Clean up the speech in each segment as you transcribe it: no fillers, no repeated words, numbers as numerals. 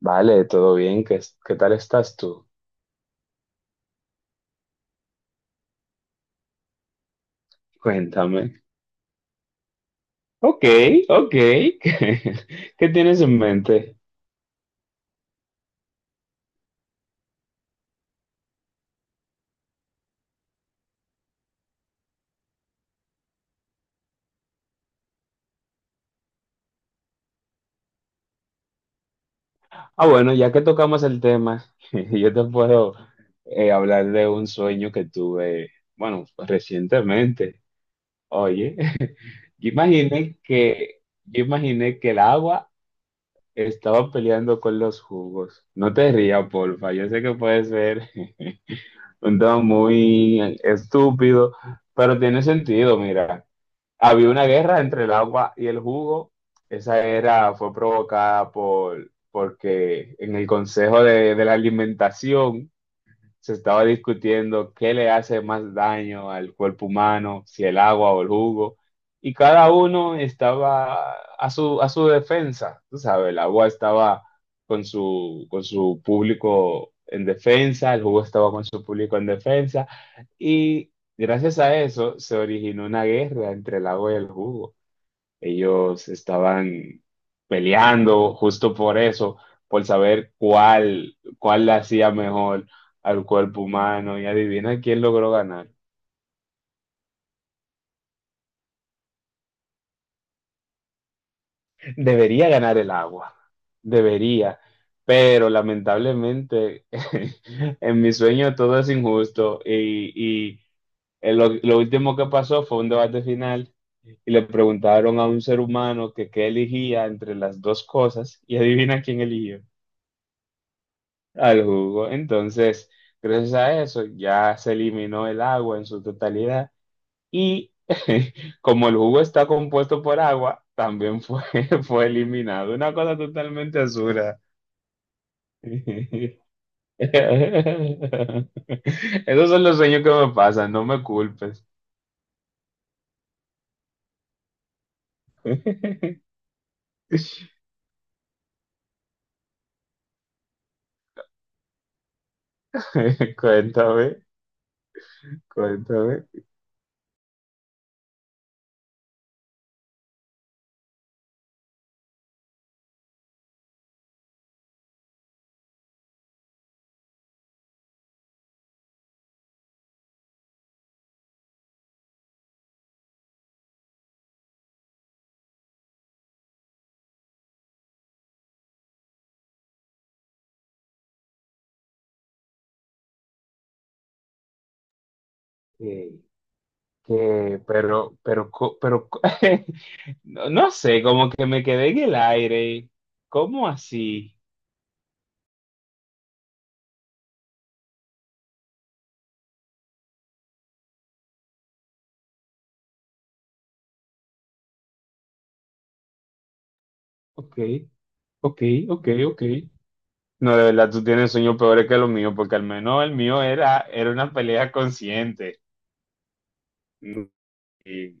Vale, todo bien. ¿Qué tal estás tú? Cuéntame. Ok, ok. ¿Qué tienes en mente? Ah, bueno, ya que tocamos el tema, yo te puedo hablar de un sueño que tuve, bueno, recientemente. Oye, yo imaginé que el agua estaba peleando con los jugos. No te rías, porfa. Yo sé que puede ser un tema muy estúpido, pero tiene sentido, mira. Había una guerra entre el agua y el jugo. Fue provocada porque en el Consejo de la Alimentación se estaba discutiendo qué le hace más daño al cuerpo humano, si el agua o el jugo, y cada uno estaba a su defensa, tú sabes, el agua estaba con su público en defensa, el jugo estaba con su público en defensa, y gracias a eso se originó una guerra entre el agua y el jugo. Ellos estaban peleando justo por eso, por saber cuál le hacía mejor al cuerpo humano. Y adivina quién logró ganar. Debería ganar el agua, debería. Pero lamentablemente en mi sueño todo es injusto y lo último que pasó fue un debate final y le preguntaron a un ser humano que qué elegía entre las dos cosas y adivina quién eligió. Al jugo. Entonces, gracias a eso ya se eliminó el agua en su totalidad y como el jugo está compuesto por agua, fue eliminado. Una cosa totalmente absurda. Esos son los sueños que me pasan, no me culpes. Cuéntame, cuéntame. Que, pero, co- no, no sé, como que me quedé en el aire. ¿Cómo así? Ok, ok, ok, ok. No, de verdad, tú tienes sueños peores que los míos, porque al menos el mío era una pelea consciente. Y-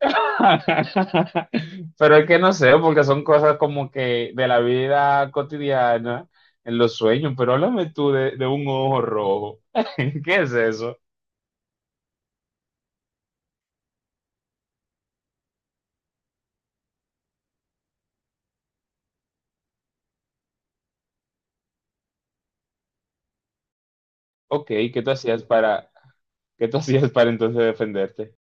Pero es que no sé, porque son cosas como que de la vida cotidiana, en los sueños, pero háblame tú de un ojo rojo. ¿Qué es eso? Ok, ¿qué tú hacías para... ¿Qué tú hacías para entonces defenderte?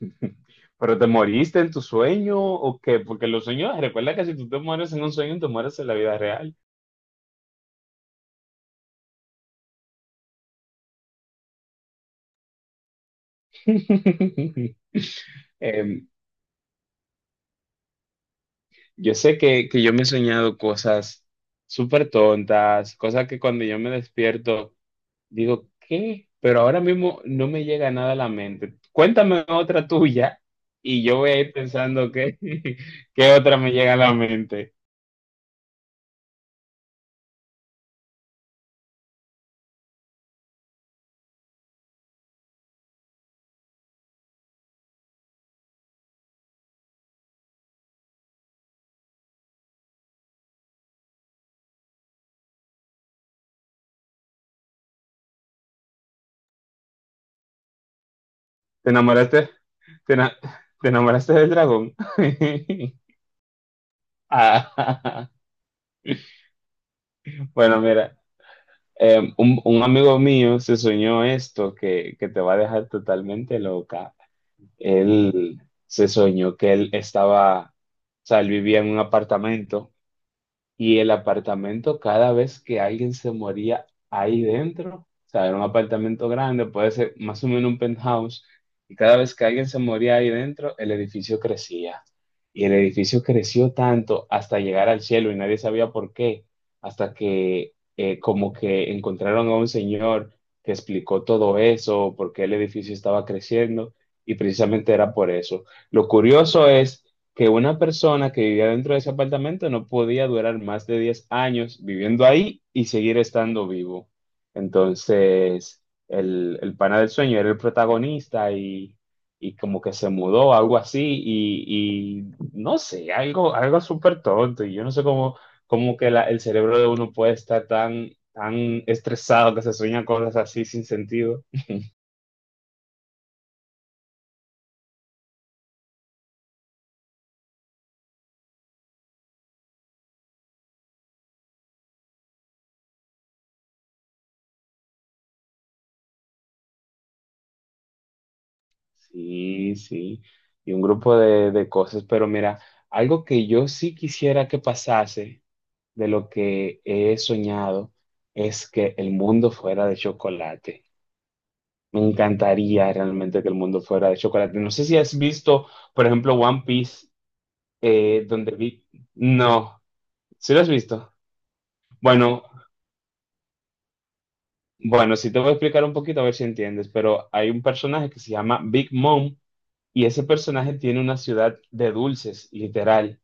¿Pero te moriste en tu sueño o qué? Porque los sueños, recuerda que si tú te mueres en un sueño, te mueres en la vida real. Em, yo sé que yo me he soñado cosas súper tontas, cosas que cuando yo me despierto digo, ¿qué? Pero ahora mismo no me llega nada a la mente. Cuéntame otra tuya y yo voy a ir pensando qué, qué otra me llega a la mente. ¿Te enamoraste? ¿Te, ena- Te enamoraste del dragón? Ah, bueno, mira, un amigo mío se soñó esto que te va a dejar totalmente loca. Él se soñó que él estaba, o sea, él vivía en un apartamento. Y el apartamento, cada vez que alguien se moría ahí dentro, o sea, era un apartamento grande, puede ser más o menos un penthouse, y cada vez que alguien se moría ahí dentro, el edificio crecía. Y el edificio creció tanto hasta llegar al cielo y nadie sabía por qué, hasta que como que encontraron a un señor que explicó todo eso, por qué el edificio estaba creciendo, y precisamente era por eso. Lo curioso es que una persona que vivía dentro de ese apartamento no podía durar más de 10 años viviendo ahí y seguir estando vivo. Entonces, el pana del sueño era el protagonista y como que se mudó, algo así, y no sé, algo, algo súper tonto. Y yo no sé cómo, el cerebro de uno puede estar tan estresado que se sueñan cosas así sin sentido. Sí, sí, y un grupo de cosas, pero mira, algo que yo sí quisiera que pasase de lo que he soñado es que el mundo fuera de chocolate. Me encantaría realmente que el mundo fuera de chocolate. No sé si has visto, por ejemplo, One Piece, donde vi... No, ¿sí lo has visto? Bueno, bueno, sí te voy a explicar un poquito a ver si entiendes, pero hay un personaje que se llama Big Mom y ese personaje tiene una ciudad de dulces, literal.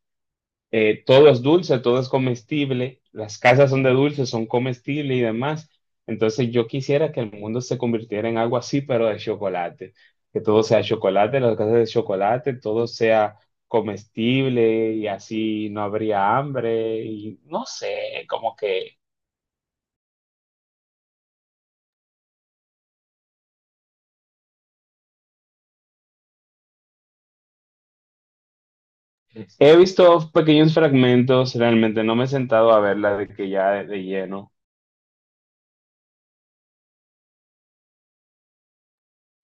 Eh, todo es dulce, todo es comestible, las casas son de dulce, son comestibles y demás. Entonces yo quisiera que el mundo se convirtiera en algo así, pero de chocolate, que todo sea chocolate, las casas de chocolate, todo sea comestible y así no habría hambre y no sé, como que he visto pequeños fragmentos, realmente no me he sentado a verla de que ya de lleno.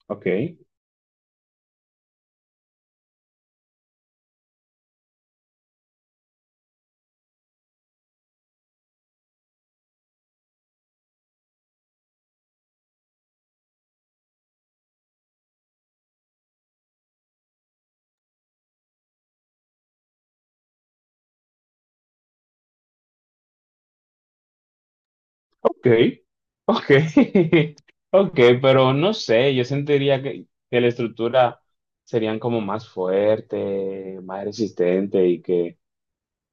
Ok. Ok, ok, ok, pero no sé, yo sentiría que la estructura serían como más fuerte, más resistente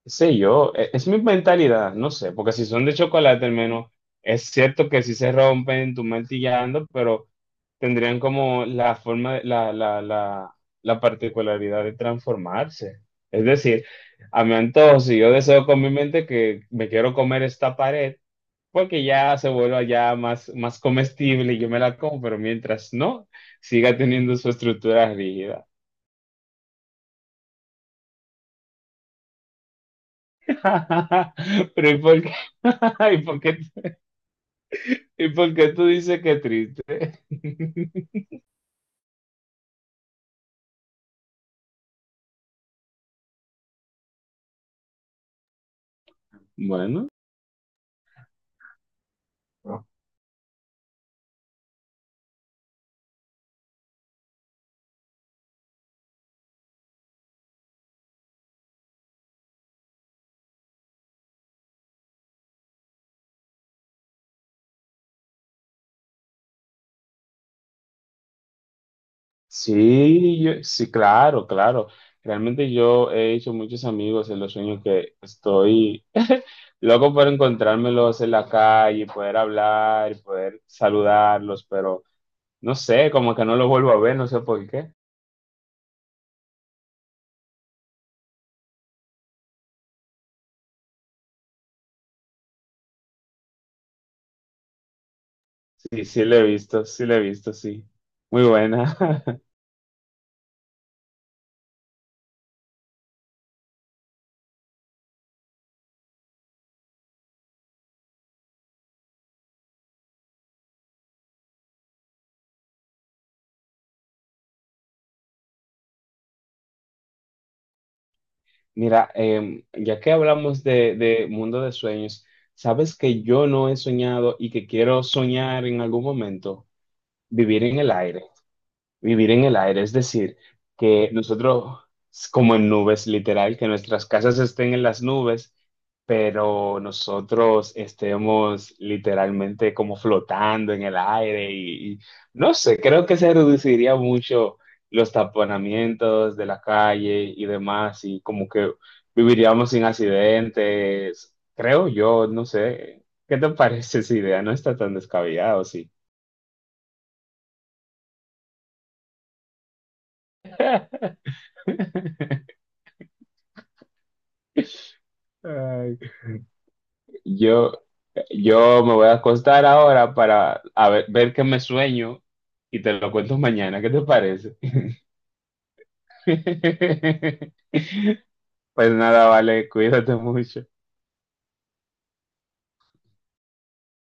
qué sé yo, es, mi mentalidad, no sé, porque si son de chocolate al menos, es cierto que si se rompen, tú martillando, pero tendrían como la forma, la particularidad de transformarse. Es decir, a mi antojo, si yo deseo con mi mente que me quiero comer esta pared, porque ya se vuelva ya más comestible y yo me la como, pero mientras no, siga teniendo su estructura rígida. Pero ¿y por qué? ¿Y por qué, y por qué tú dices que triste? Bueno, sí, sí, claro, claro. Realmente yo he hecho muchos amigos en los sueños que estoy loco por encontrármelos en la calle, y poder hablar, y poder saludarlos, pero no sé, como que no los vuelvo a ver, no sé por qué. Sí, sí la he visto, sí la he visto, sí. Muy buena. Mira, em, ya que hablamos de mundo de sueños, ¿sabes que yo no he soñado y que quiero soñar en algún momento? Vivir en el aire. Vivir en el aire, es decir, que nosotros, como en nubes, literal, que nuestras casas estén en las nubes, pero nosotros estemos literalmente como flotando en el aire y no sé, creo que se reduciría mucho los taponamientos de la calle y demás, y como que viviríamos sin accidentes, creo yo, no sé. ¿Qué te parece esa idea? No está tan descabellado, sí. Ay, yo, Yo me voy a acostar ahora para a ver, ver qué me sueño y te lo cuento mañana. ¿Qué te parece? Pues nada, vale, cuídate mucho.